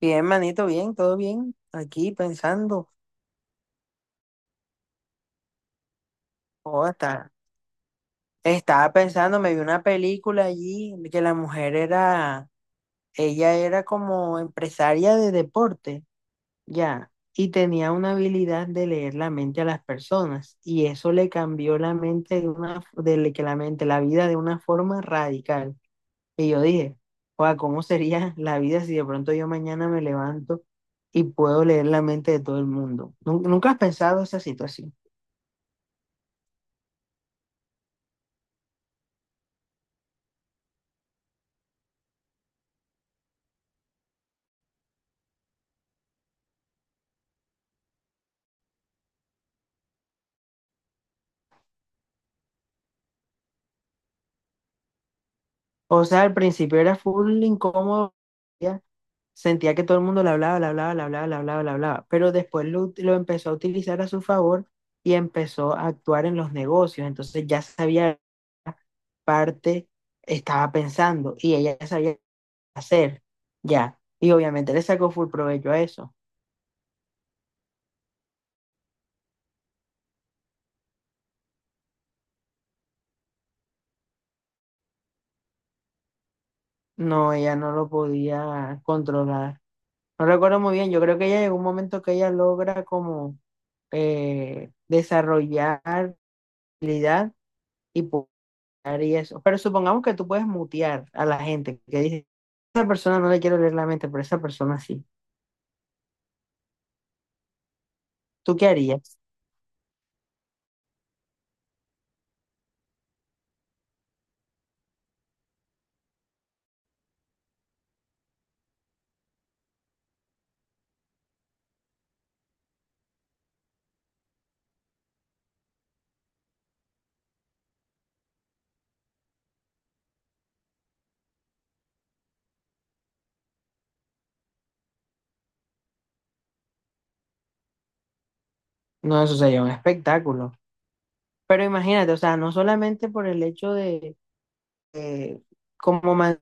Bien, manito, bien, todo bien. Aquí pensando, oh, está- estaba pensando, me vi una película allí que la mujer era, ella era como empresaria de deporte, ya, y tenía una habilidad de leer la mente a las personas, y eso le cambió la mente de una, de le- que la mente, la vida de una forma radical. Y yo dije, sea, ¿cómo sería la vida si de pronto yo mañana me levanto y puedo leer la mente de todo el mundo? ¿Nunca has pensado esa situación? O sea, al principio era full incómodo, ya, sentía que todo el mundo le hablaba, pero después lo empezó a utilizar a su favor y empezó a actuar en los negocios, entonces ya sabía parte estaba pensando y ella ya sabía qué hacer, ya, y obviamente le sacó full provecho a eso. No, ella no lo podía controlar. No recuerdo muy bien, yo creo que ella llegó un momento que ella logra como desarrollar habilidad y y eso. Pero supongamos que tú puedes mutear a la gente que dice, esa persona no le quiero leer la mente, pero esa persona sí. ¿Tú qué harías? No, eso sería un espectáculo. Pero imagínate, o sea, no solamente por el hecho de como manera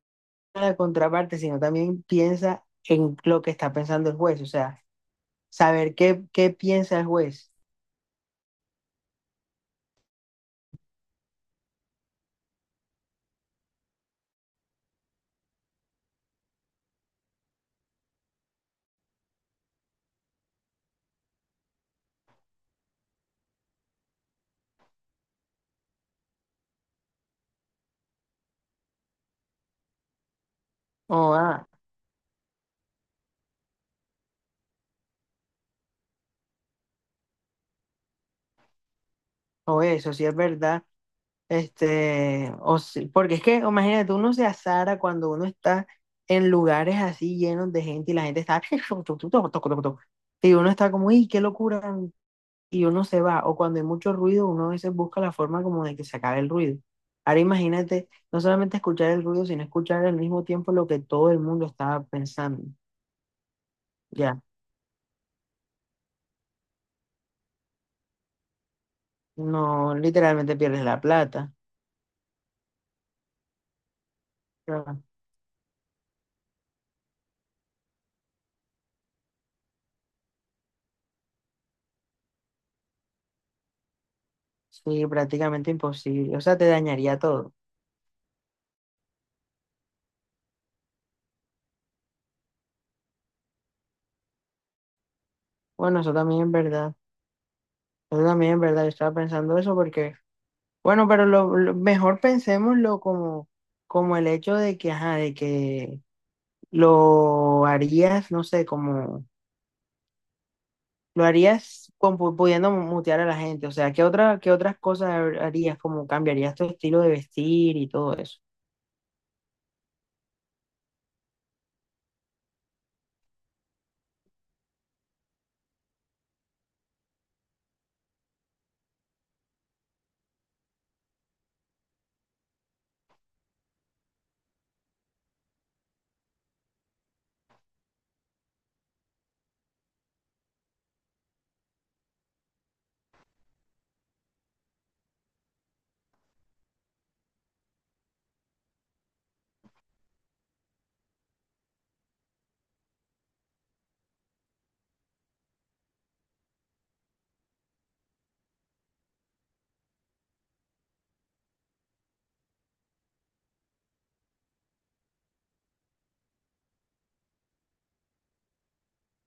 de contraparte, sino también piensa en lo que está pensando el juez, o sea, saber qué piensa el juez. O, ah, o eso, si es verdad. Este, o si- porque es que, imagínate, uno se azara cuando uno está en lugares así llenos de gente y la gente está y uno está como, ¡y qué locura! Y uno se va, o cuando hay mucho ruido, uno a veces busca la forma como de que se acabe el ruido. Ahora imagínate, no solamente escuchar el ruido, sino escuchar al mismo tiempo lo que todo el mundo estaba pensando. Ya, no, literalmente pierdes la plata. Claro. Sí, prácticamente imposible. O sea, te dañaría todo. Bueno, eso también es verdad. Yo también, en ¿verdad? Yo estaba pensando eso porque, bueno, pero mejor pensémoslo como, como el hecho de que, ajá, de que lo harías, no sé, como lo harías con, pudiendo mutear a la gente. O sea, ¿qué otras cosas harías? Como cambiarías tu estilo de vestir y todo eso.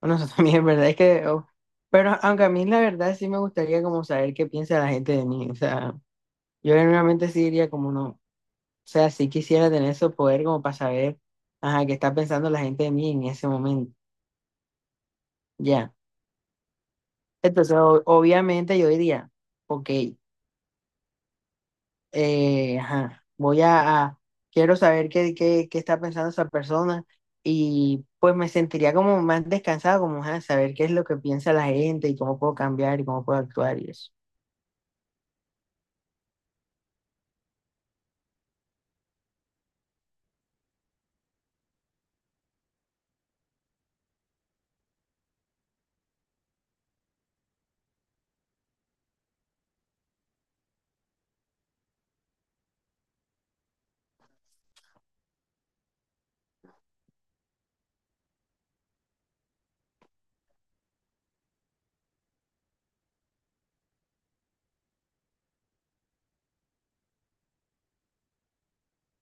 Bueno, eso también, es ¿verdad? Es que, oh, pero aunque a mí la verdad sí me gustaría como saber qué piensa la gente de mí. O sea, yo realmente sí diría como no. O sea, sí quisiera tener ese poder como para saber, ajá, qué está pensando la gente de mí en ese momento. Ya. Entonces, obviamente yo diría, ok, ajá, quiero saber qué está pensando esa persona y pues me sentiría como más descansado, como, ajá, saber qué es lo que piensa la gente y cómo puedo cambiar y cómo puedo actuar y eso.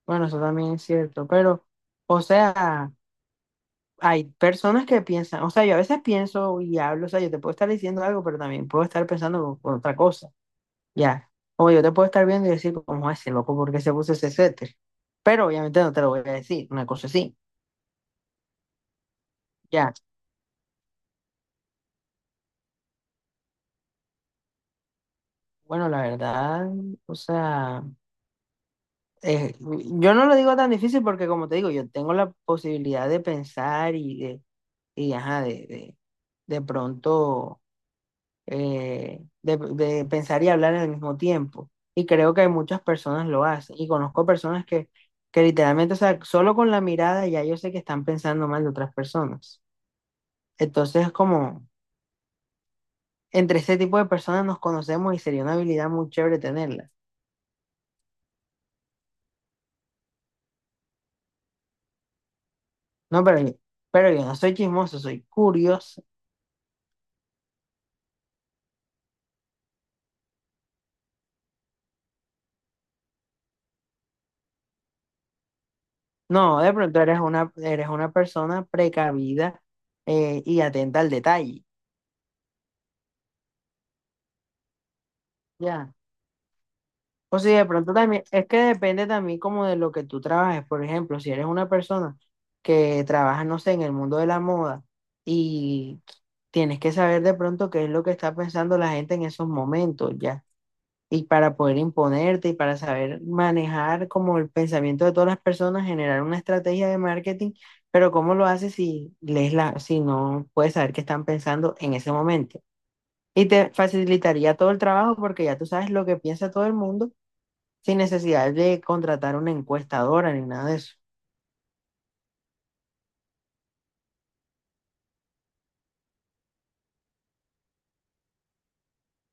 Bueno, eso también es cierto, pero, o sea, hay personas que piensan, o sea, yo a veces pienso y hablo, o sea, yo te puedo estar diciendo algo, pero también puedo estar pensando con otra cosa, ya. O yo te puedo estar viendo y decir, ¿cómo es ese loco? ¿Por qué se puso ese suéter? Pero obviamente no te lo voy a decir, una cosa así, ya. Bueno, la verdad, o sea, yo no lo digo tan difícil porque, como te digo, yo tengo la posibilidad de pensar y ajá, de pronto de pensar y hablar al mismo tiempo. Y creo que muchas personas lo hacen. Y conozco personas que literalmente, o sea, solo con la mirada ya yo sé que están pensando mal de otras personas. Entonces, como entre ese tipo de personas nos conocemos y sería una habilidad muy chévere tenerla. No, pero, pero yo no soy chismoso, soy curioso. No, de pronto eres una persona precavida y atenta al detalle. Ya. O si de pronto también, es que depende también como de lo que tú trabajes. Por ejemplo, si eres una persona que trabaja, no sé, en el mundo de la moda y tienes que saber de pronto qué es lo que está pensando la gente en esos momentos, ¿ya? Y para poder imponerte y para saber manejar como el pensamiento de todas las personas, generar una estrategia de marketing, pero ¿cómo lo haces si lees la, si no puedes saber qué están pensando en ese momento? Y te facilitaría todo el trabajo porque ya tú sabes lo que piensa todo el mundo sin necesidad de contratar una encuestadora ni nada de eso.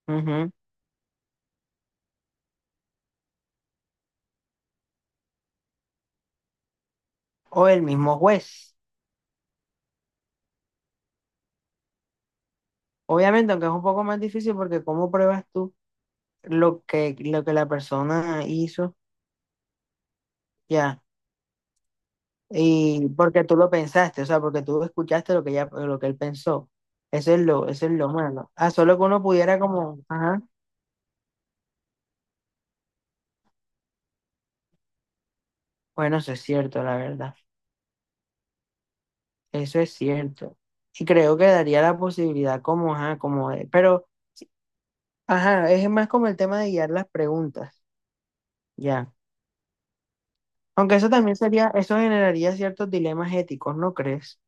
Ujú. O el mismo juez. Obviamente, aunque es un poco más difícil porque cómo pruebas tú lo que la persona hizo, ya. Y porque tú lo pensaste, o sea, porque tú escuchaste lo que ella, lo que él pensó. Eso es lo malo. Ah, solo que uno pudiera como, ajá, bueno, eso es cierto, la verdad. Eso es cierto. Y creo que daría la posibilidad como, ajá, como de, pero, ajá, es más como el tema de guiar las preguntas. Ya. Aunque eso también sería, eso generaría ciertos dilemas éticos, ¿no crees?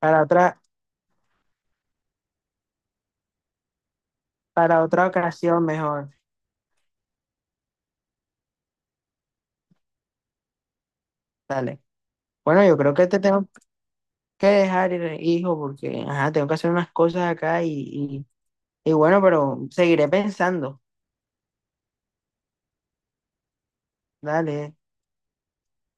Para otra, para otra ocasión mejor. Dale. Bueno, yo creo que te tengo que dejar, ir, hijo, porque ajá, tengo que hacer unas cosas acá y bueno, pero seguiré pensando. Dale.